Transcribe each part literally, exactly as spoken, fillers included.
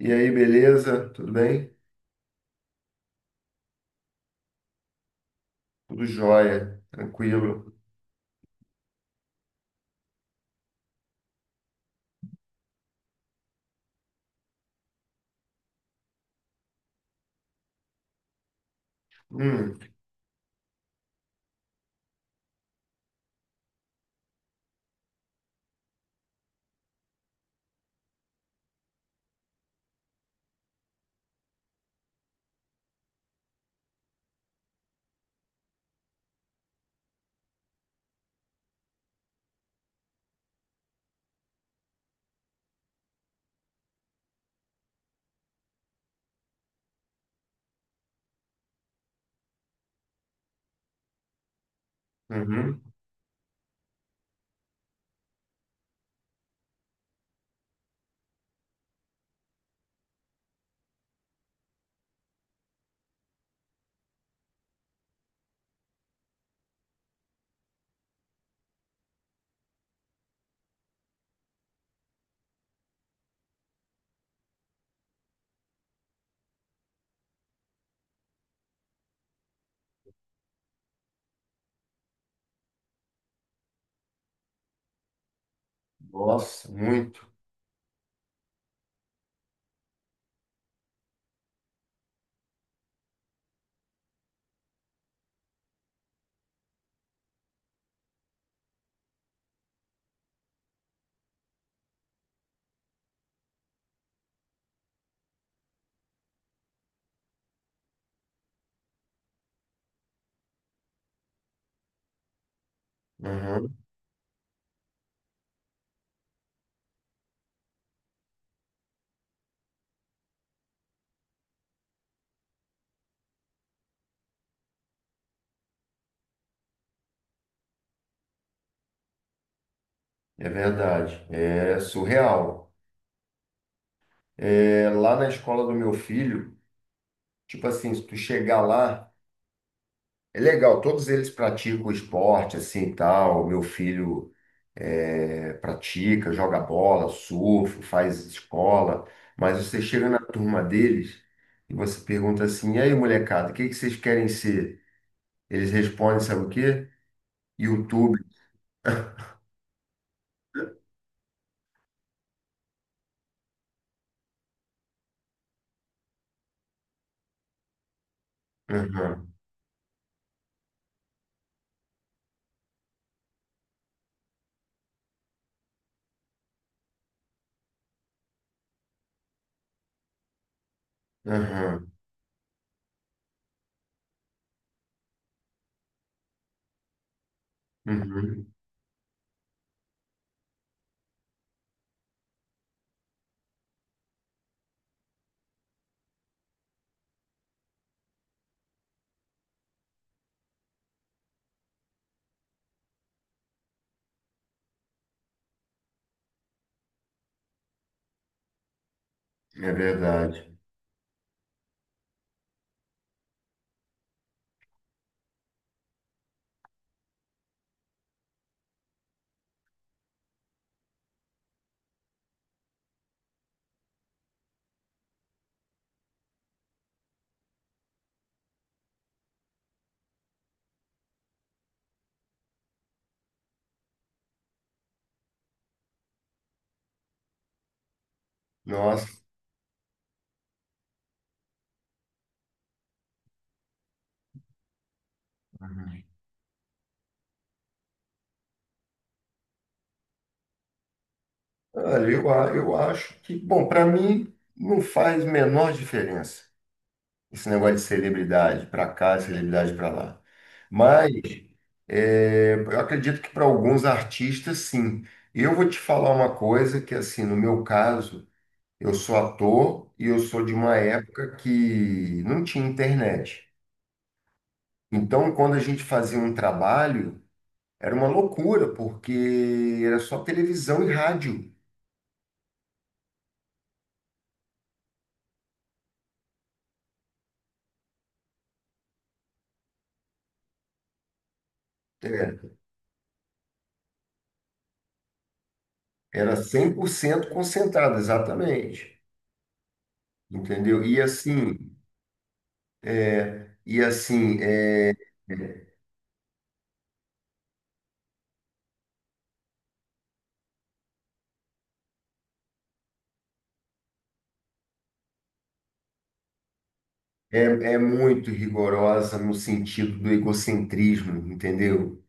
E aí, beleza? Tudo bem? Tudo jóia, tranquilo. Hum. Uhum. Nossa, muito. Uhum. É verdade. É surreal. É, lá na escola do meu filho, tipo assim, se tu chegar lá, é legal, todos eles praticam esporte, assim, e tal. Meu filho é, pratica, joga bola, surfa, faz escola, mas você chega na turma deles e você pergunta assim, e aí, molecada, o que que vocês querem ser? Eles respondem, sabe o quê? YouTube. Aham, aham, uhum. É verdade. Nossa. Uhum. Olha, eu, a- eu acho que, bom, para mim não faz menor diferença esse negócio de celebridade para cá, celebridade para lá. Mas é, eu acredito que para alguns artistas, sim. Eu vou te falar uma coisa que, assim, no meu caso, eu sou ator e eu sou de uma época que não tinha internet. Então, quando a gente fazia um trabalho, era uma loucura, porque era só televisão e rádio. É, era cem por cento concentrado, exatamente. Entendeu? E assim, e assim, é, é, é muito rigorosa no sentido do egocentrismo, entendeu?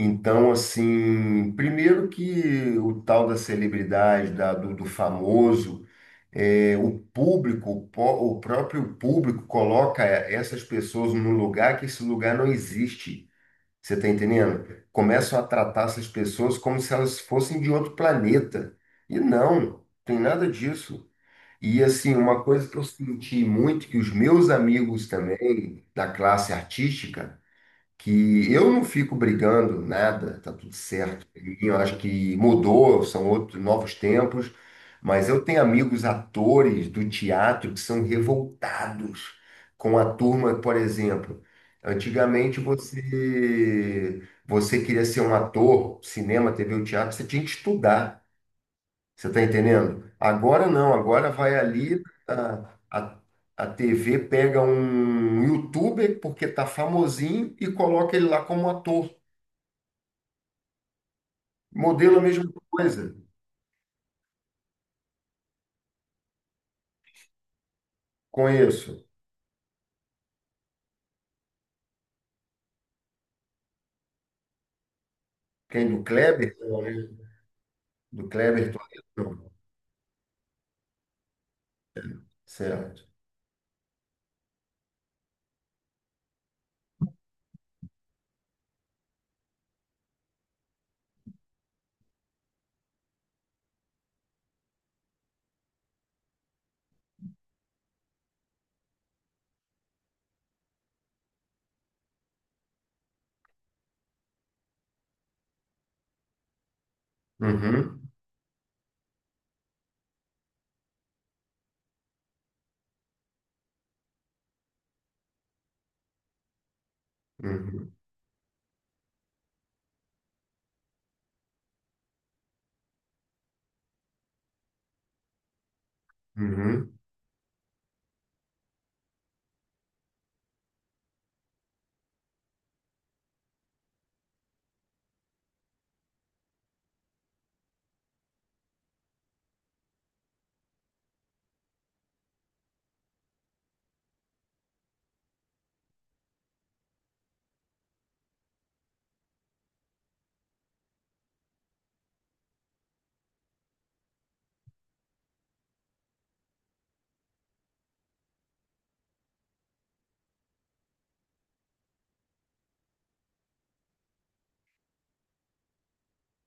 Então, assim, primeiro que o tal da celebridade, da, do, do famoso, é, o público, o po- o próprio público coloca essas pessoas num lugar que esse lugar não existe. Você está entendendo? Começam a tratar essas pessoas como se elas fossem de outro planeta. E não, tem nada disso. E assim, uma coisa que eu senti muito, que os meus amigos também da classe artística, que eu não fico brigando nada, tá tudo certo. E eu acho que mudou, são outros novos tempos, mas eu tenho amigos atores do teatro que são revoltados com a turma, por exemplo. Antigamente você você queria ser um ator, cinema, T V ou teatro, você tinha que estudar. Você está entendendo? Agora não, agora vai ali, a, a, a T V pega um youtuber, porque tá famosinho, e coloca ele lá como ator. Modelo a mesma coisa. Conheço. Quem? Do Kleber? Não, né? Do Kleber Toledo? Não. Certo. Uhum, uhum, uhum.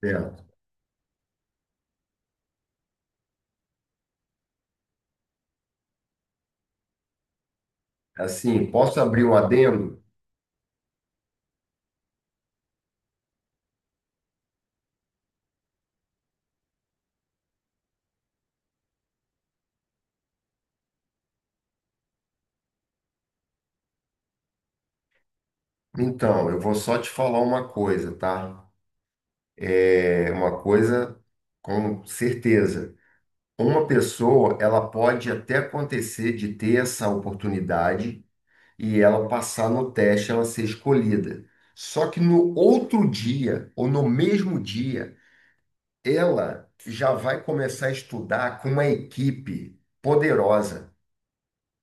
Certo. Assim, posso abrir um adendo? Então, eu vou só te falar uma coisa, tá? É uma coisa, com certeza. Uma pessoa, ela pode até acontecer de ter essa oportunidade e ela passar no teste, ela ser escolhida. Só que no outro dia, ou no mesmo dia, ela já vai começar a estudar com uma equipe poderosa,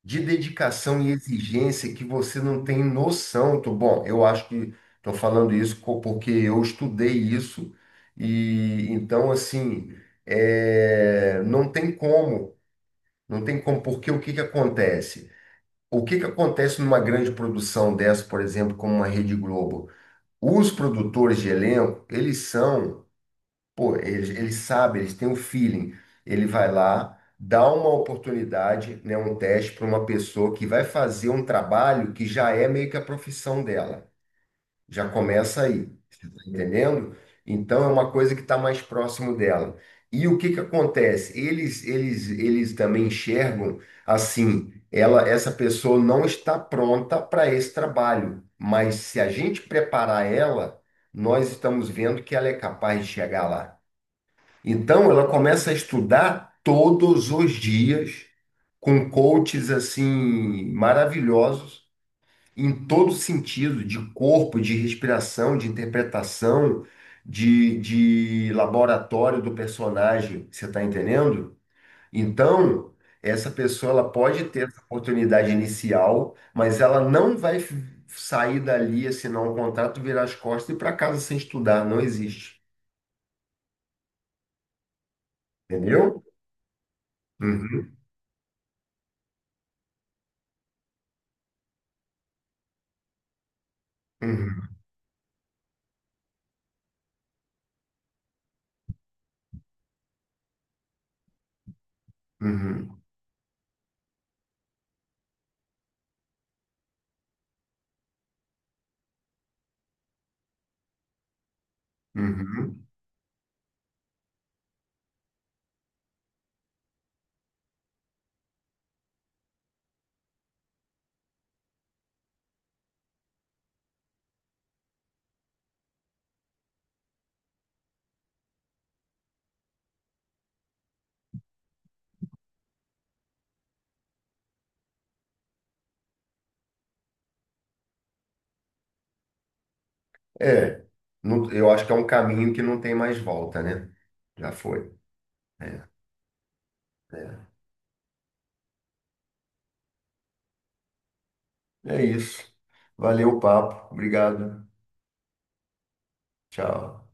de dedicação e exigência que você não tem noção. Tô, bom, eu acho que estou falando isso co- porque eu estudei isso e então, assim, é, não tem como. Não tem como, porque o que que acontece? O que que acontece numa grande produção dessa, por exemplo, como uma Rede Globo? Os produtores de elenco, eles são, pô, eles, eles sabem, eles têm um feeling. Ele vai lá, dá uma oportunidade, né, um teste para uma pessoa que vai fazer um trabalho que já é meio que a profissão dela. Já começa aí, você está entendendo? Então é uma coisa que está mais próximo dela. E o que que acontece? Eles, eles, eles também enxergam assim, ela, essa pessoa não está pronta para esse trabalho, mas se a gente preparar ela, nós estamos vendo que ela é capaz de chegar lá. Então ela começa a estudar todos os dias com coaches assim maravilhosos em todo sentido, de corpo, de respiração, de interpretação, de, de laboratório do personagem, você está entendendo? Então, essa pessoa ela pode ter essa oportunidade inicial, mas ela não vai f- sair dali, assinar um contrato, virar as costas e ir para casa sem estudar, não existe, entendeu? Uhum, uhum, uhum, uhum. É, não, eu acho que é um caminho que não tem mais volta, né? Já foi. É. É. É isso. Valeu o papo. Obrigado. Tchau.